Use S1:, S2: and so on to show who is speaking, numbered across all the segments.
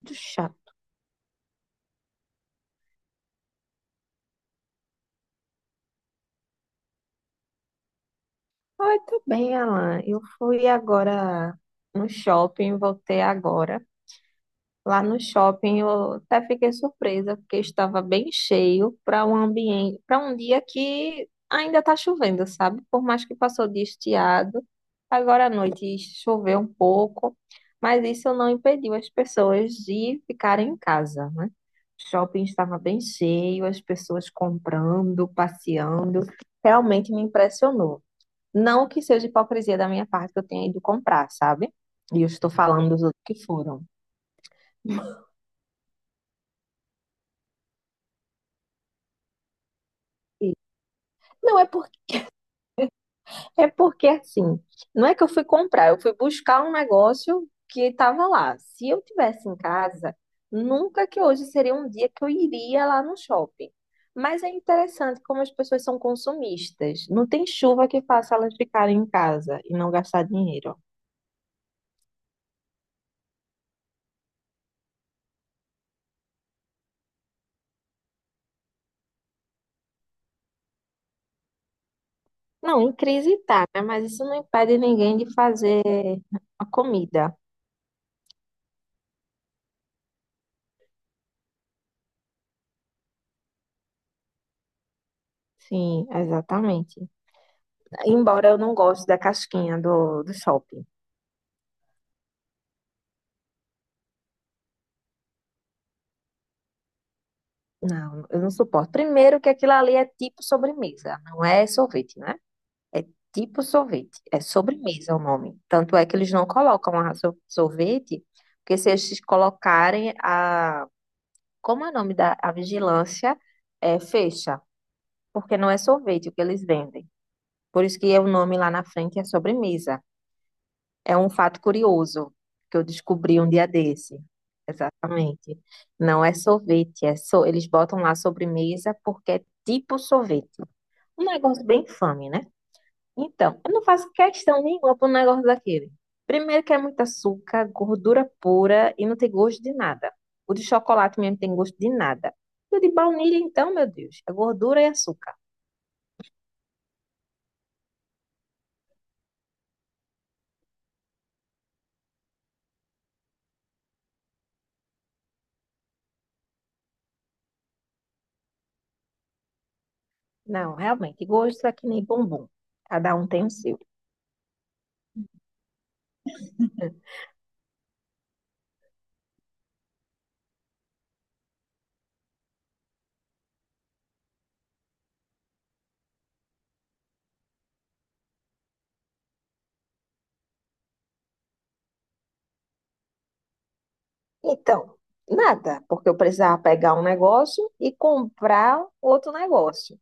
S1: Muito chato. Ai, tô bem, Alan. Eu fui agora no shopping, voltei agora. Lá no shopping eu até fiquei surpresa, porque estava bem cheio para um ambiente, para um dia que ainda tá chovendo, sabe? Por mais que passou de estiado, agora à noite choveu um pouco, mas isso não impediu as pessoas de ficarem em casa, né? O shopping estava bem cheio, as pessoas comprando, passeando. Realmente me impressionou. Não que seja hipocrisia da minha parte que eu tenha ido comprar, sabe? E eu estou falando dos outros que foram. Não, é porque assim, não é que eu fui comprar, eu fui buscar um negócio que estava lá. Se eu tivesse em casa, nunca que hoje seria um dia que eu iria lá no shopping. Mas é interessante como as pessoas são consumistas. Não tem chuva que faça elas ficarem em casa e não gastar dinheiro. Não, em crise tá, né? Mas isso não impede ninguém de fazer a comida. Sim, exatamente. Embora eu não goste da casquinha do shopping. Não, eu não suporto. Primeiro que aquilo ali é tipo sobremesa, não é sorvete, né? Tipo sorvete, é sobremesa o nome. Tanto é que eles não colocam a sorvete, porque se eles colocarem a, como é o nome da a vigilância, é fecha, porque não é sorvete o que eles vendem. Por isso que é o nome lá na frente é sobremesa. É um fato curioso que eu descobri um dia desse. Exatamente. Não é sorvete, é so... eles botam lá sobremesa porque é tipo sorvete. Um negócio bem infame, né? Então, eu não faço questão nenhuma para um negócio daquele. Primeiro que é muito açúcar, gordura pura e não tem gosto de nada. O de chocolate mesmo tem gosto de nada. E o de baunilha, então, meu Deus, é gordura e açúcar. Não, realmente, gosto é que nem bombom. Cada um tem o seu. Então, nada, porque eu precisava pegar um negócio e comprar outro negócio.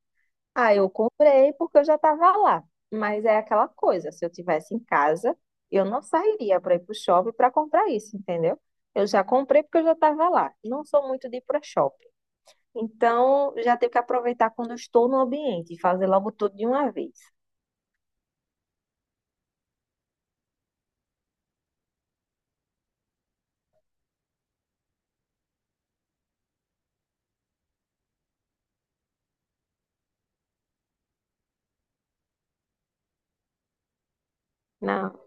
S1: Aí eu comprei porque eu já estava lá. Mas é aquela coisa, se eu tivesse em casa, eu não sairia para ir para o shopping para comprar isso, entendeu? Eu já comprei porque eu já estava lá. Não sou muito de ir para shopping. Então, já tenho que aproveitar quando eu estou no ambiente e fazer logo tudo de uma vez. Não,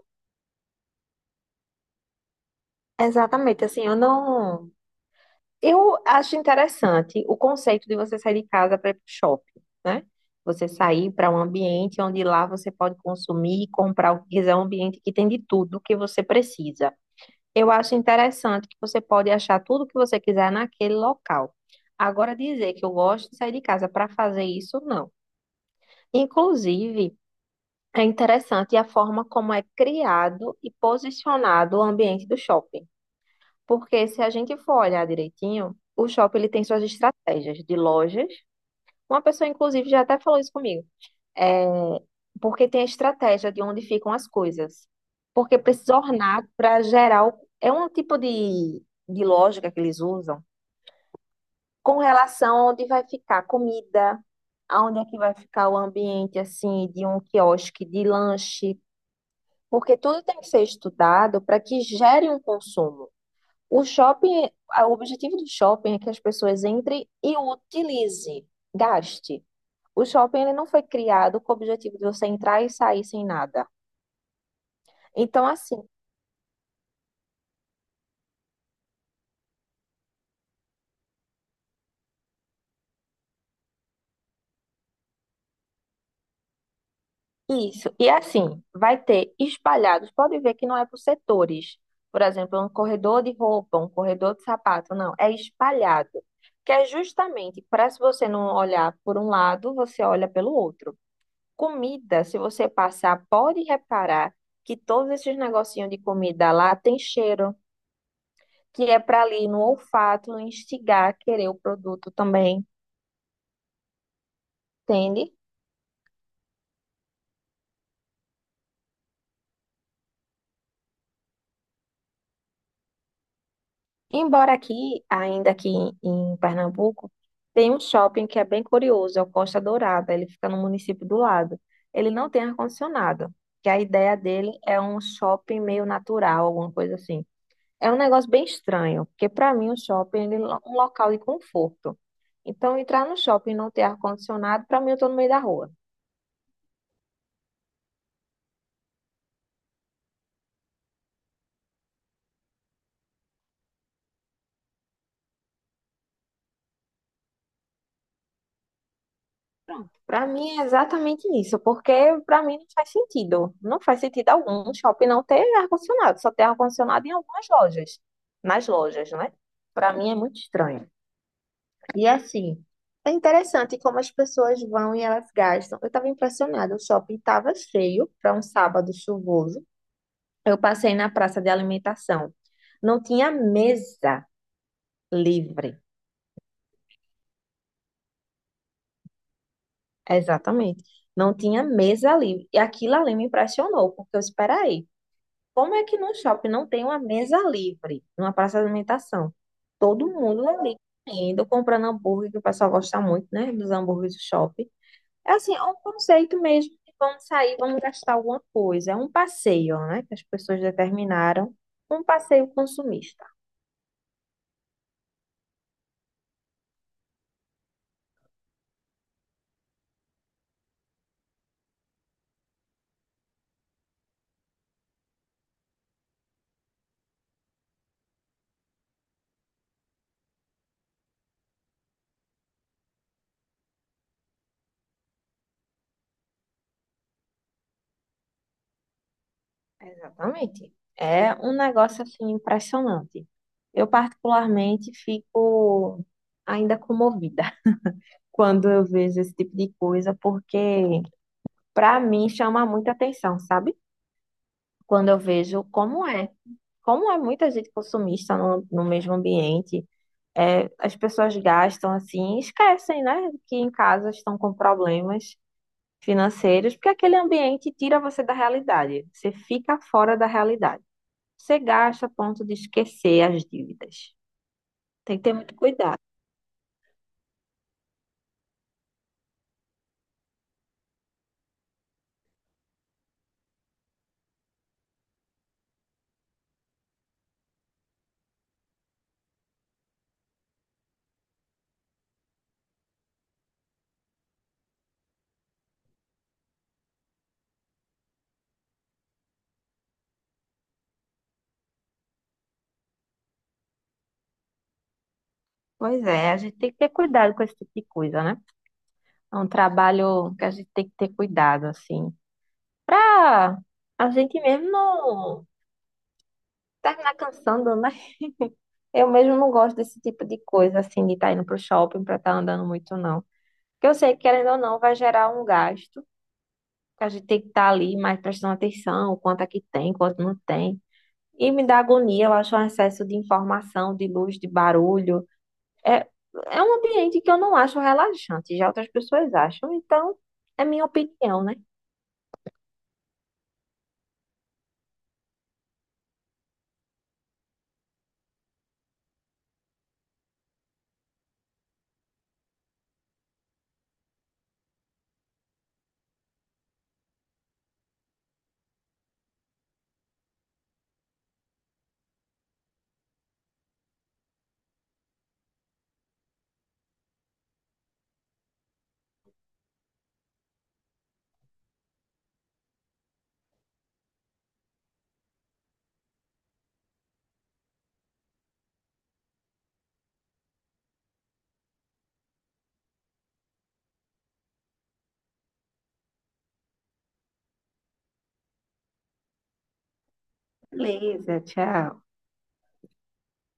S1: exatamente, assim, eu não. Eu acho interessante o conceito de você sair de casa para ir para o shopping, né? Você sair para um ambiente onde lá você pode consumir e comprar o que quiser, um ambiente que tem de tudo que você precisa. Eu acho interessante que você pode achar tudo que você quiser naquele local. Agora, dizer que eu gosto de sair de casa para fazer isso, não. Inclusive, é interessante a forma como é criado e posicionado o ambiente do shopping. Porque se a gente for olhar direitinho, o shopping ele tem suas estratégias de lojas. Uma pessoa, inclusive, já até falou isso comigo. É, porque tem a estratégia de onde ficam as coisas. Porque precisa ornar para gerar. É um tipo de lógica que eles usam com relação a onde vai ficar a comida, aonde é que vai ficar o ambiente assim de um quiosque de lanche. Porque tudo tem que ser estudado para que gere um consumo. O shopping, o objetivo do shopping é que as pessoas entrem e o utilize, gaste. O shopping ele não foi criado com o objetivo de você entrar e sair sem nada. Então, assim, isso. E assim, vai ter espalhados. Pode ver que não é por setores. Por exemplo, um corredor de roupa, um corredor de sapato. Não, é espalhado. Que é justamente para se você não olhar por um lado, você olha pelo outro. Comida, se você passar, pode reparar que todos esses negocinhos de comida lá tem cheiro, que é para ali no olfato instigar a querer o produto também, entende? Embora aqui, ainda aqui em Pernambuco, tem um shopping que é bem curioso, é o Costa Dourada, ele fica no município do lado. Ele não tem ar-condicionado, que a ideia dele é um shopping meio natural, alguma coisa assim. É um negócio bem estranho, porque para mim o shopping ele é um local de conforto. Então, entrar no shopping e não ter ar-condicionado, para mim eu estou no meio da rua. Pronto. Para mim é exatamente isso, porque para mim não faz sentido. Não faz sentido algum o shopping não ter ar-condicionado, só ter ar-condicionado em algumas lojas, nas lojas, né? Para mim é muito estranho. E assim, é interessante como as pessoas vão e elas gastam. Eu estava impressionada, o shopping estava cheio para um sábado chuvoso. Eu passei na praça de alimentação. Não tinha mesa livre. Exatamente. Não tinha mesa livre. E aquilo ali me impressionou, porque eu esperei. Como é que num shopping não tem uma mesa livre, numa praça de alimentação? Todo mundo ali indo, comprando hambúrguer, que o pessoal gosta muito, né? Dos hambúrgueres do shopping. É assim, é um conceito mesmo de vamos sair, vamos gastar alguma coisa. É um passeio, né? Que as pessoas determinaram. Um passeio consumista. Exatamente. É um negócio assim impressionante. Eu particularmente fico ainda comovida quando eu vejo esse tipo de coisa, porque para mim chama muita atenção, sabe? Quando eu vejo como é muita gente consumista no mesmo ambiente, é, as pessoas gastam assim, esquecem, né, que em casa estão com problemas financeiros, porque aquele ambiente tira você da realidade, você fica fora da realidade. Você gasta a ponto de esquecer as dívidas. Tem que ter muito cuidado. Pois é, a gente tem que ter cuidado com esse tipo de coisa, né? É um trabalho que a gente tem que ter cuidado, assim, pra a gente mesmo não terminar cansando, né? Eu mesmo não gosto desse tipo de coisa, assim, de estar indo pro shopping pra estar andando muito, não. Porque eu sei que, querendo ou não, vai gerar um gasto, que a gente tem que estar ali mais prestando atenção, quanto é que tem, quanto não tem. E me dá agonia, eu acho um excesso de informação, de luz, de barulho. É, é um ambiente que eu não acho relaxante, já outras pessoas acham, então é minha opinião, né? Beleza, tchau.